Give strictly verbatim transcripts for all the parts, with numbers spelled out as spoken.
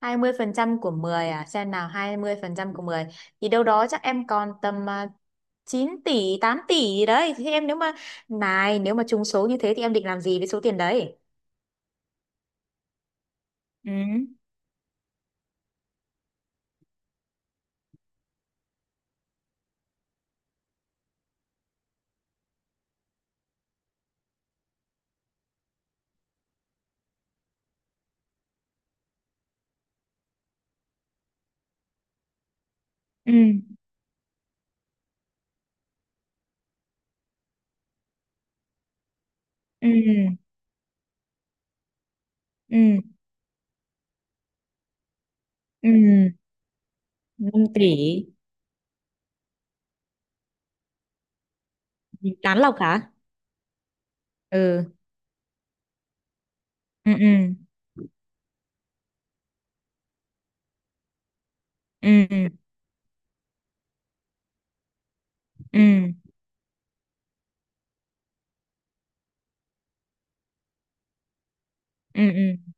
Hai mươi phần trăm của mười à? Xem nào, hai mươi phần trăm của mười thì đâu đó chắc em còn tầm à, chín tỷ, tám tỷ gì đấy. Thì em nếu mà này, nếu mà trúng số như thế thì em định làm gì với số tiền đấy? Ừ, ừ, ừ, ừ, ừ. Năm tỷ. Tán lộc hả? Ừ, ừ, ừ, ừ, ừ, ừ, ừ.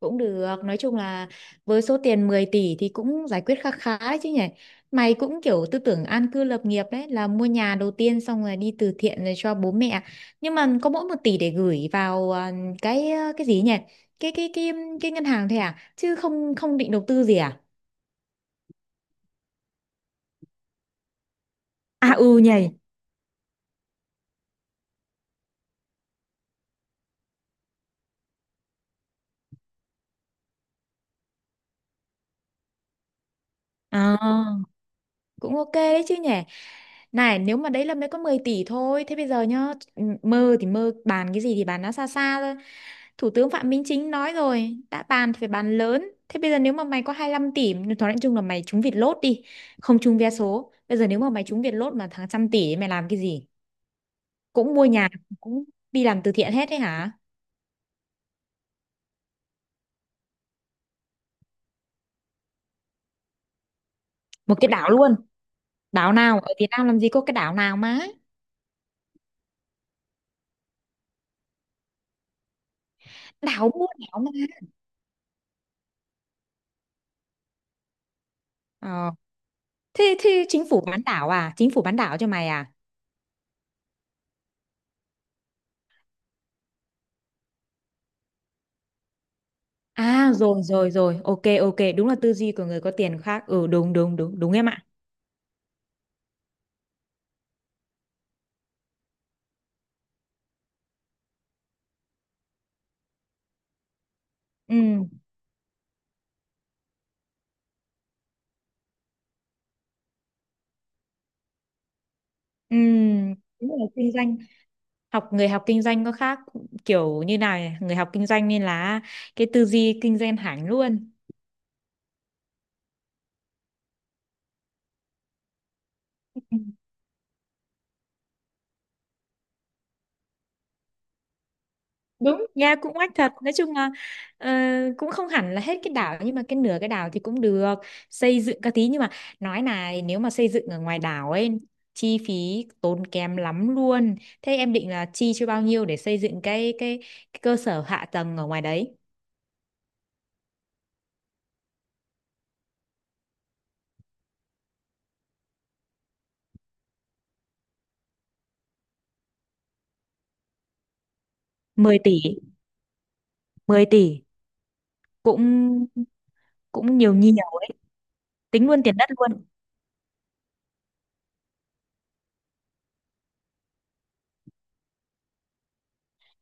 Cũng được, nói chung là với số tiền mười tỷ thì cũng giải quyết khá khá đấy chứ nhỉ. Mày cũng kiểu tư tưởng an cư lập nghiệp đấy, là mua nhà đầu tiên xong rồi đi từ thiện rồi cho bố mẹ. Nhưng mà có mỗi một tỷ để gửi vào à, cái ờ, cái gì nhỉ, cái cái cái cái ngân hàng thôi à, chứ không không định đầu tư gì à? À ừ nhỉ. À. Cũng ok đấy chứ nhỉ. Này, nếu mà đấy là mới có mười tỷ thôi, thế bây giờ nhá, ừ, mơ thì mơ, bàn cái gì thì bàn nó xa xa thôi. Thủ tướng Phạm Minh Chính nói rồi, đã bàn thì phải bàn lớn. Thế bây giờ nếu mà mày có hai lăm tỷ, nói chung là mày trúng Vietlott lốt đi, không trúng vé số. Bây giờ nếu mà mày trúng Vietlott lốt mà thằng trăm tỷ ấy, mày làm cái gì? Cũng mua nhà, cũng đi làm từ thiện hết đấy hả? Một cái đảo luôn. Đảo nào ở Việt Nam làm gì có cái đảo nào má? Đảo, mua đảo mà. Ờ. thế thế chính phủ bán đảo à, chính phủ bán đảo cho mày à? À rồi rồi rồi, ok ok, đúng là tư duy của người có tiền khác. Ừ, đúng đúng đúng đúng em ạ. Ừ ừ. Đúng là kinh doanh, học người học kinh doanh có khác. Kiểu như nào nhỉ? Người học kinh doanh nên là cái tư duy kinh doanh hẳn luôn. Đúng ra cũng oách thật, nói chung là ờ, cũng không hẳn là hết cái đảo nhưng mà cái nửa cái đảo thì cũng được, xây dựng các tí. Nhưng mà nói này, nếu mà xây dựng ở ngoài đảo ấy chi phí tốn kém lắm luôn. Thế em định là chi cho bao nhiêu để xây dựng cái cái, cái cơ sở hạ tầng ở ngoài đấy? Mười tỷ. Mười tỷ. Cũng cũng nhiều, nhi nhiều. Tính luôn tiền đất luôn.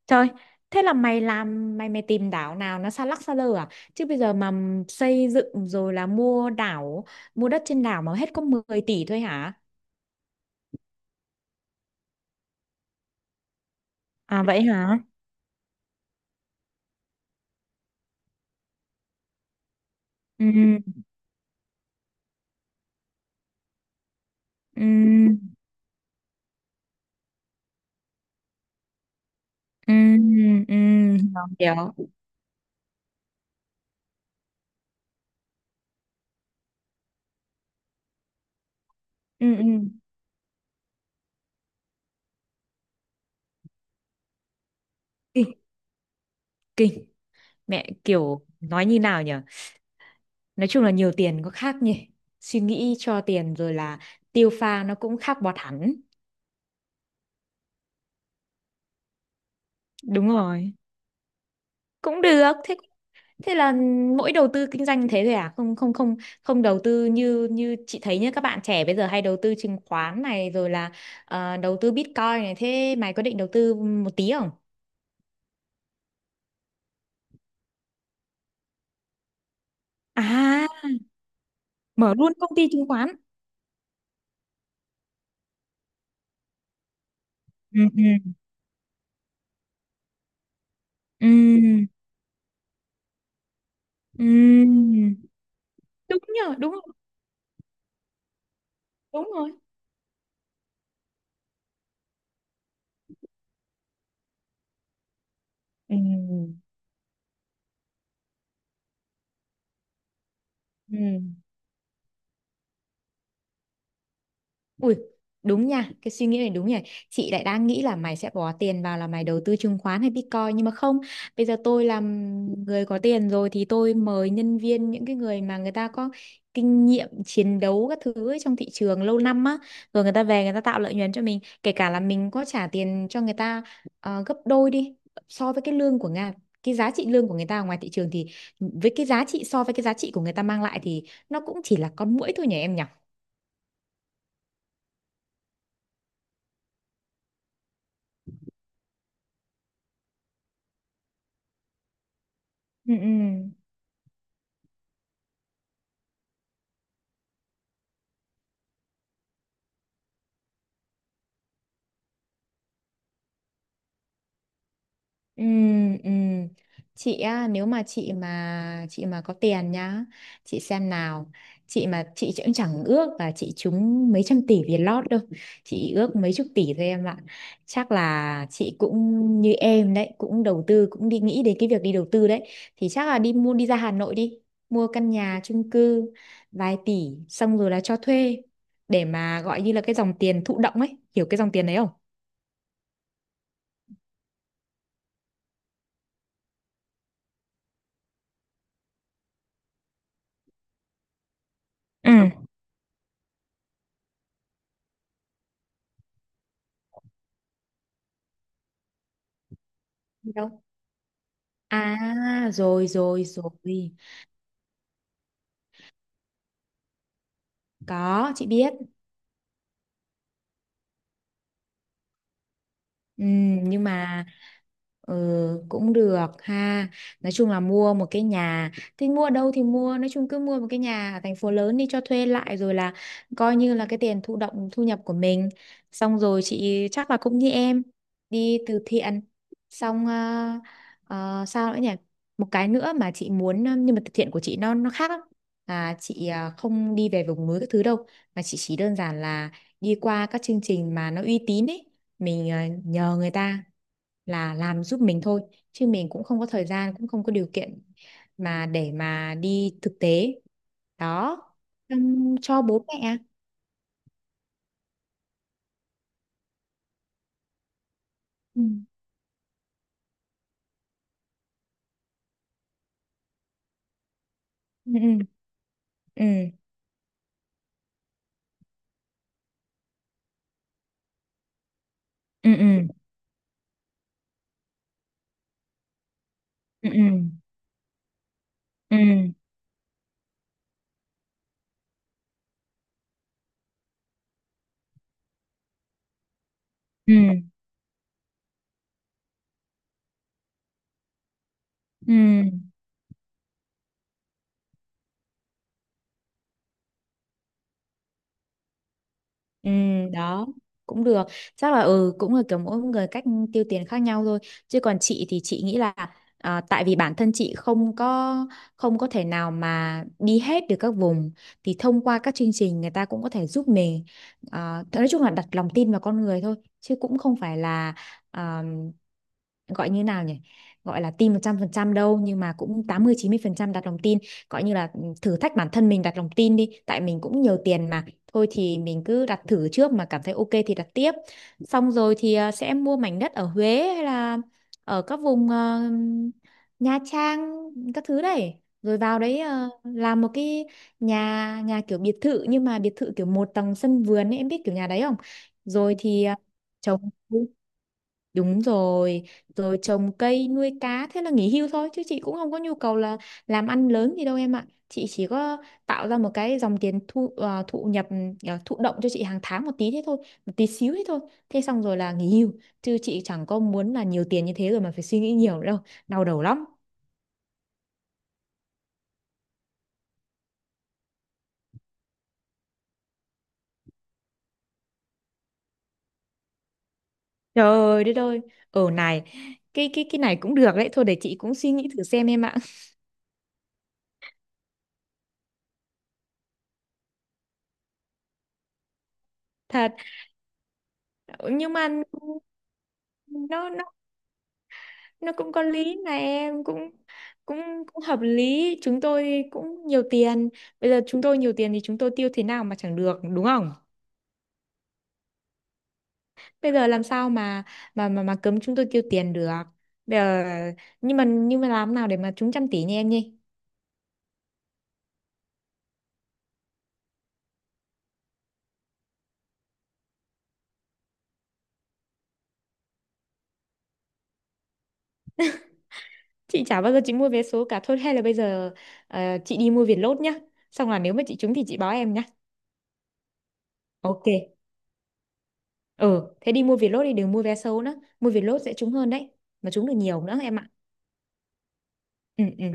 Trời, thế là mày làm, mày mày tìm đảo nào nó xa lắc xa lơ à? Chứ bây giờ mà xây dựng rồi là mua đảo, mua đất trên đảo mà hết có mười tỷ thôi hả? À vậy hả? Ừ, ừ, ừ, ừ, hiểu. Ừ, ừ. Kinh, kinh. Mẹ kiểu nói như nào nhở. Nói chung là nhiều tiền có khác nhỉ. Suy nghĩ cho tiền rồi là tiêu pha nó cũng khác bọt hẳn. Đúng rồi. Cũng được. Thế, thế là mỗi đầu tư kinh doanh thế thôi à, không không không không đầu tư, như như chị thấy nhá, các bạn trẻ bây giờ hay đầu tư chứng khoán này rồi là ờ, đầu tư Bitcoin này, thế mày có định đầu tư một tí không? À, mở luôn công ty chứng khoán. Ừ, ừ, ừ, ừ, đúng nhờ, đúng rồi. Đúng rồi. Ừ, ừ. Ui, đúng nha, cái suy nghĩ này đúng nhỉ. Chị lại đang nghĩ là mày sẽ bỏ tiền vào là mày đầu tư chứng khoán hay Bitcoin nhưng mà không, bây giờ tôi làm người có tiền rồi thì tôi mời nhân viên, những cái người mà người ta có kinh nghiệm chiến đấu các thứ ấy trong thị trường lâu năm á, rồi người ta về người ta tạo lợi nhuận cho mình, kể cả là mình có trả tiền cho người ta ờ, gấp đôi đi so với cái lương của Nga, cái giá trị lương của người ta ở ngoài thị trường thì với cái giá trị so với cái giá trị của người ta mang lại thì nó cũng chỉ là con muỗi thôi nhỉ em nhỉ? Ừ, ừ. Ừ, ừ. Chị á, nếu mà chị mà chị mà có tiền nhá, chị xem nào. Chị mà chị cũng chẳng ước là chị trúng mấy trăm tỷ việt lót đâu. Chị ước mấy chục tỷ thôi em ạ. Chắc là chị cũng như em đấy, cũng đầu tư, cũng đi nghĩ đến cái việc đi đầu tư đấy. Thì chắc là đi mua, đi ra Hà Nội đi, mua căn nhà chung cư vài tỷ xong rồi là cho thuê để mà gọi như là cái dòng tiền thụ động ấy, hiểu cái dòng tiền đấy không? Ừ. Đâu. À rồi rồi rồi. Có, chị biết. Ừ, nhưng mà ừ, cũng được ha. Nói chung là mua một cái nhà, thì mua ở đâu thì mua, nói chung cứ mua một cái nhà ở thành phố lớn đi, cho thuê lại rồi là coi như là cái tiền thụ động thu nhập của mình. Xong rồi chị chắc là cũng như em, đi từ thiện. Xong ờ, ờ, sao nữa nhỉ? Một cái nữa mà chị muốn ờ, nhưng mà từ thiện của chị nó nó khác lắm. Là chị ờ, không đi về vùng núi các thứ đâu, mà chị chỉ đơn giản là đi qua các chương trình mà nó uy tín ấy, mình ờ, nhờ người ta là làm giúp mình thôi, chứ mình cũng không có thời gian, cũng không có điều kiện mà để mà đi thực tế. Đó. Xong cho bố mẹ. Ừ, ừ, ừ, ừ, ừ, ừ, ừ, ừ, ừ, ừ, ừ. Ừ, đó, cũng được. Chắc là ừ, cũng là kiểu mỗi người cách tiêu tiền khác nhau thôi, chứ còn chị thì chị nghĩ là à, tại vì bản thân chị không có, không có thể nào mà đi hết được các vùng thì thông qua các chương trình người ta cũng có thể giúp mình. À, nói chung là đặt lòng tin vào con người thôi, chứ cũng không phải là à, gọi như nào nhỉ, gọi là tin một trăm phần trăm đâu, nhưng mà cũng tám mươi, mươi chín mươi phần trăm đặt lòng tin, gọi như là ừ, thử thách bản thân mình đặt lòng tin đi tại mình cũng nhiều tiền mà, thôi thì mình cứ đặt thử trước mà cảm thấy ok thì đặt tiếp. Xong rồi thì ờ, sẽ mua mảnh đất ở Huế hay là ở các vùng ờ, Nha Trang các thứ đấy, rồi vào đấy ờ, làm một cái nhà nhà kiểu biệt thự nhưng mà biệt thự kiểu một tầng sân vườn ấy, em biết kiểu nhà đấy không? Rồi thì ờ, trồng. Đúng rồi, rồi trồng cây nuôi cá, thế là nghỉ hưu thôi chứ chị cũng không có nhu cầu là làm ăn lớn gì đâu em ạ. Chị chỉ có tạo ra một cái dòng tiền thu ờ, thụ nhập ờ, thụ động cho chị hàng tháng một tí thế thôi, một tí xíu thế thôi. Thế xong rồi là nghỉ hưu, chứ chị chẳng có muốn là nhiều tiền như thế rồi mà phải suy nghĩ nhiều nữa đâu, đau đầu lắm. Trời đất ơi, ở này, cái cái cái này cũng được đấy, thôi để chị cũng suy nghĩ thử xem em ạ. Thật, nhưng mà nó nó nó cũng có lý mà em cũng cũng cũng hợp lý, chúng tôi cũng nhiều tiền, bây giờ chúng tôi nhiều tiền thì chúng tôi tiêu thế nào mà chẳng được đúng không, bây giờ làm sao mà mà mà mà cấm chúng tôi tiêu tiền được bây giờ. Nhưng mà nhưng mà làm nào để mà trúng trăm tỷ nha em nhỉ? Chị chả bao giờ chị mua vé số cả, thôi hay là bây giờ ờ, chị đi mua Vietlott nhá, xong là nếu mà chị trúng thì chị báo em nhá. Ok. Ừ, thế đi mua Vietlott đi, đừng mua vé số nữa, mua Vietlott sẽ trúng hơn đấy, mà trúng được nhiều nữa em ạ. Ừ, ừ.